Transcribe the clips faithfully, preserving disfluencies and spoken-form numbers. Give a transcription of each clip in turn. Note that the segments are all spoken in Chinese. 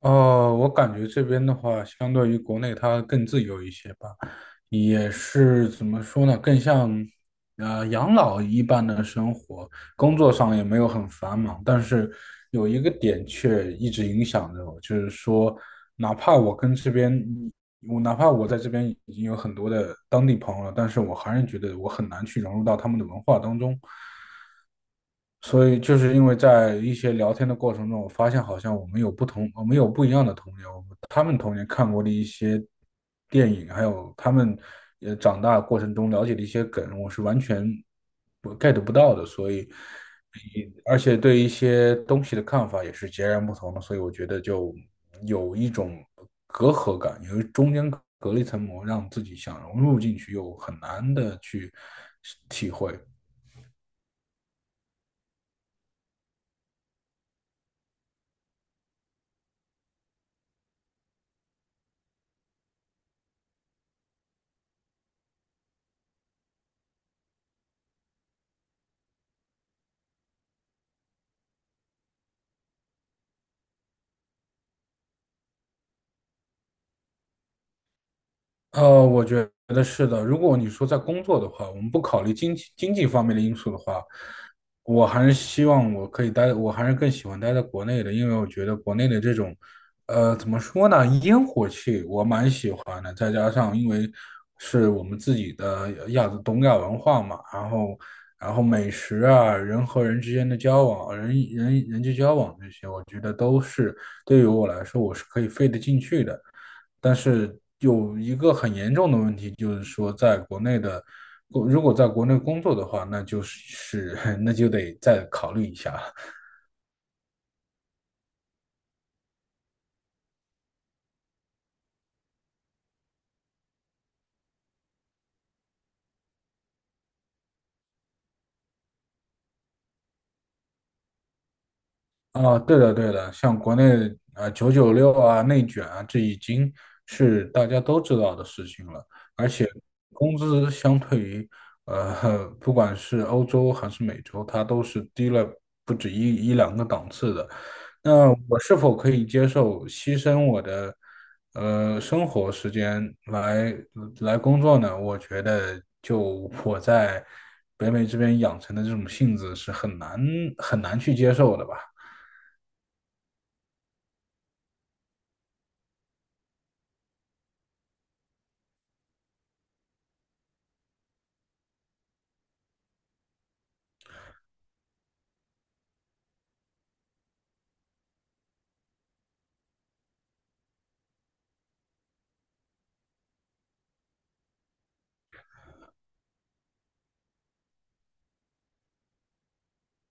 哦，我感觉这边的话，相对于国内它更自由一些吧，也是怎么说呢，更像呃养老一般的生活，工作上也没有很繁忙，但是有一个点却一直影响着我，就是说，哪怕我跟这边，我哪怕我在这边已经有很多的当地朋友了，但是我还是觉得我很难去融入到他们的文化当中，所以就是因为在一些聊天的过程中，我发现好像我们有不同，我们有不一样的童年，我们他们童年看过的一些电影，还有他们也长大过程中了解的一些梗，我是完全不 get 不到的，所以，嗯而且对一些东西的看法也是截然不同的，所以我觉得就有一种隔阂感，有一中间隔了一层膜，让自己想融入进去，又很难的去体会。呃，我觉得是的。如果你说在工作的话，我们不考虑经济经济方面的因素的话，我还是希望我可以待，我还是更喜欢待在国内的，因为我觉得国内的这种，呃，怎么说呢，烟火气我蛮喜欢的。再加上因为是我们自己的亚东亚文化嘛，然后然后美食啊，人和人之间的交往，人人人际交往这些，我觉得都是对于我来说我是可以费得进去的。但是有一个很严重的问题，就是说在国内的，如果在国内工作的话，那就是 那就得再考虑一下。啊，对的，对的，像国内啊九九六啊、内卷啊，这已经是大家都知道的事情了。而且工资相对于呃，不管是欧洲还是美洲，它都是低了不止一一两个档次的。那我是否可以接受牺牲我的呃生活时间来来工作呢？我觉得，就我在北美这边养成的这种性子是很难很难去接受的吧。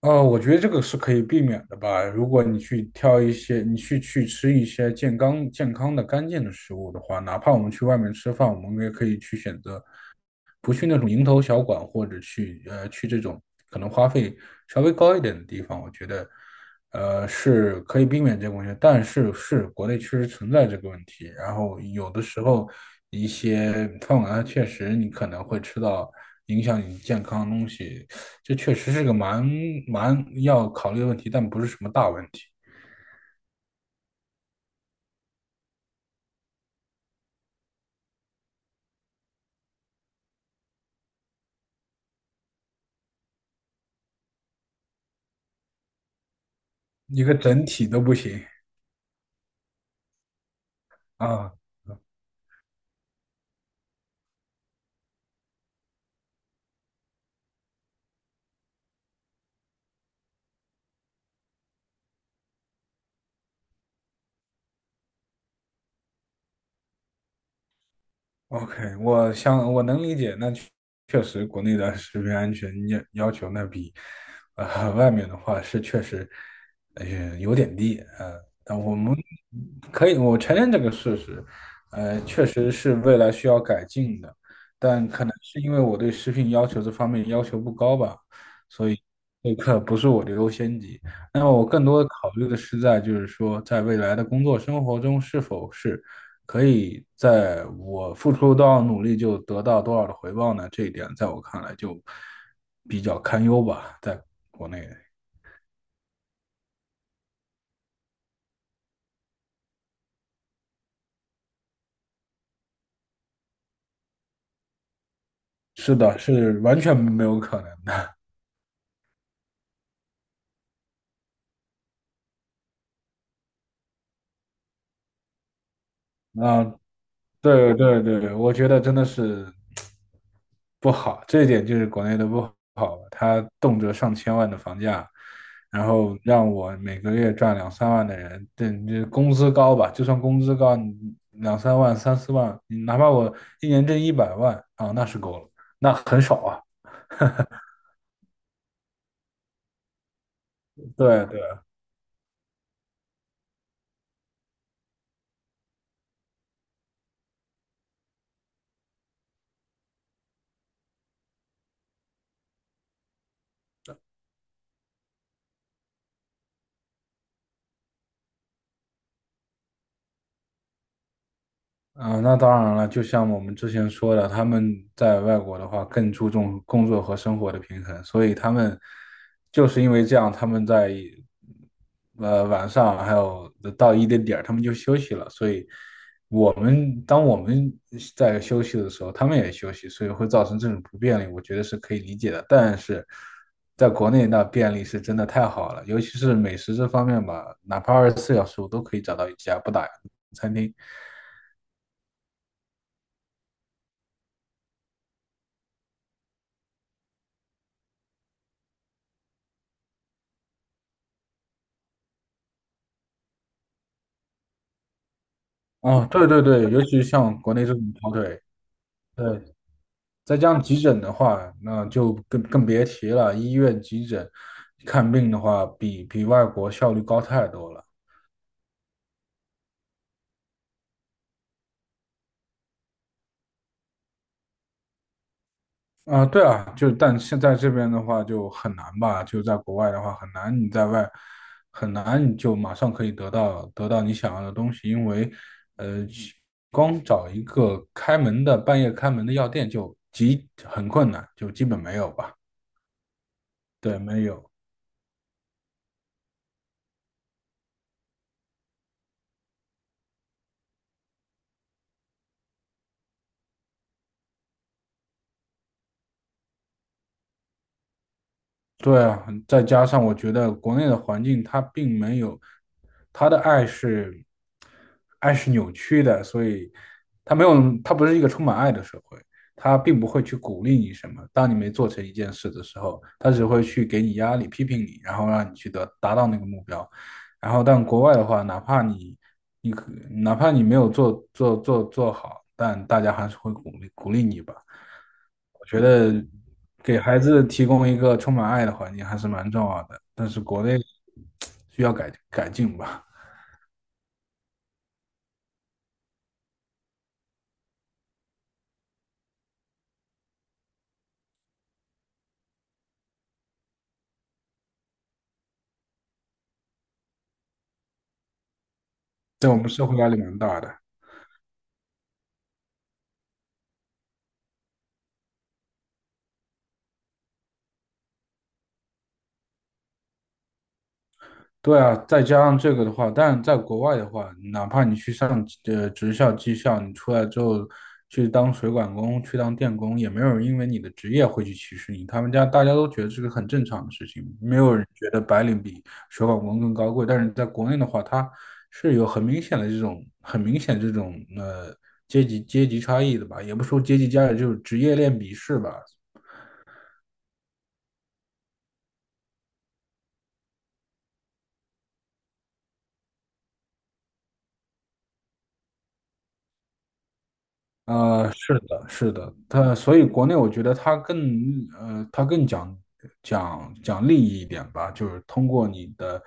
呃，我觉得这个是可以避免的吧。如果你去挑一些，你去去吃一些健康、健康的、干净的食物的话，哪怕我们去外面吃饭，我们也可以去选择不去那种蝇头小馆，或者去呃去这种可能花费稍微高一点的地方，我觉得呃是可以避免这个问题。但是是国内确实存在这个问题，然后有的时候一些饭馆它确实你可能会吃到影响你健康的东西，这确实是个蛮蛮要考虑的问题，但不是什么大问题，一个整体都不行啊。OK，我想我能理解，那确确实国内的食品安全要要求那比呃外面的话是确实呃有点低，呃，但我们可以我承认这个事实，呃，确实是未来需要改进的，但可能是因为我对食品要求这方面要求不高吧，所以这个不是我的优先级。那么我更多的考虑的是在就是说在未来的工作生活中是否是。可以在我付出多少努力就得到多少的回报呢？这一点在我看来就比较堪忧吧，在国内。是的，是完全没有可能的。那对对对，我觉得真的是不好，这一点就是国内的不好他动辄上千万的房价，然后让我每个月赚两三万的人，对，这工资高吧，就算工资高，你两三万、三四万，你哪怕我一年挣一百万啊，那是够了，那很少啊。对对，啊、那当然了，就像我们之前说的，他们在外国的话更注重工作和生活的平衡，所以他们就是因为这样，他们在呃晚上还有呃到一定点儿，他们就休息了。所以我们当我们在休息的时候，他们也休息，所以会造成这种不便利，我觉得是可以理解的。但是在国内那便利是真的太好了，尤其是美食这方面吧，哪怕二十四小时我都可以找到一家不打烊的餐厅。哦，对对对，尤其像国内这种跑腿，对，再加上急诊的话，那就更更别提了。医院急诊看病的话，比比外国效率高太多了。啊、对啊，就但现在这边的话就很难吧，就在国外的话很难，你在外很难你就马上可以得到得到你想要的东西，因为呃，去光找一个开门的半夜开门的药店就极很困难，就基本没有吧。对，没有。对啊，再加上我觉得国内的环境它并没有，他的爱是爱是扭曲的，所以它没有，它不是一个充满爱的社会，它并不会去鼓励你什么。当你没做成一件事的时候，它只会去给你压力、批评你，然后让你去得达到那个目标。然后，但国外的话，哪怕你你可哪怕你没有做做做做好，但大家还是会鼓励鼓励你吧。我觉得给孩子提供一个充满爱的环境还是蛮重要的，但是国内 需要改改进吧，在我们社会压力蛮大的。对啊，再加上这个的话，但在国外的话，哪怕你去上呃职校、技校，你出来之后去当水管工、去当电工，也没有人因为你的职业会去歧视你。他们家大家都觉得这个很正常的事情，没有人觉得白领比水管工更高贵。但是在国内的话，它是有很明显的这种、很明显这种呃阶级阶级差异的吧，也不说阶级差异，就是职业链鄙视吧。呃，是的，是的，他所以国内我觉得他更呃，他更讲讲讲利益一点吧，就是通过你的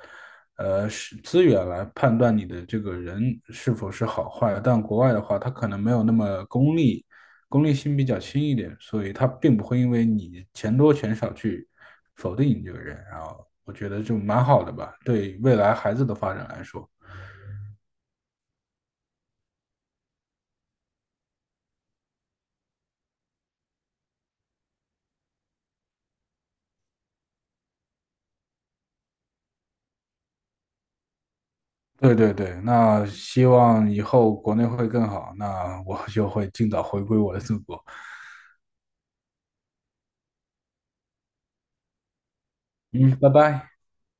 呃是资源来判断你的这个人是否是好坏。但国外的话，他可能没有那么功利，功利性比较轻一点，所以他并不会因为你钱多钱少去否定你这个人。然后我觉得就蛮好的吧，对未来孩子的发展来说。对对对，那希望以后国内会更好，那我就会尽早回归我的祖国。嗯，拜拜。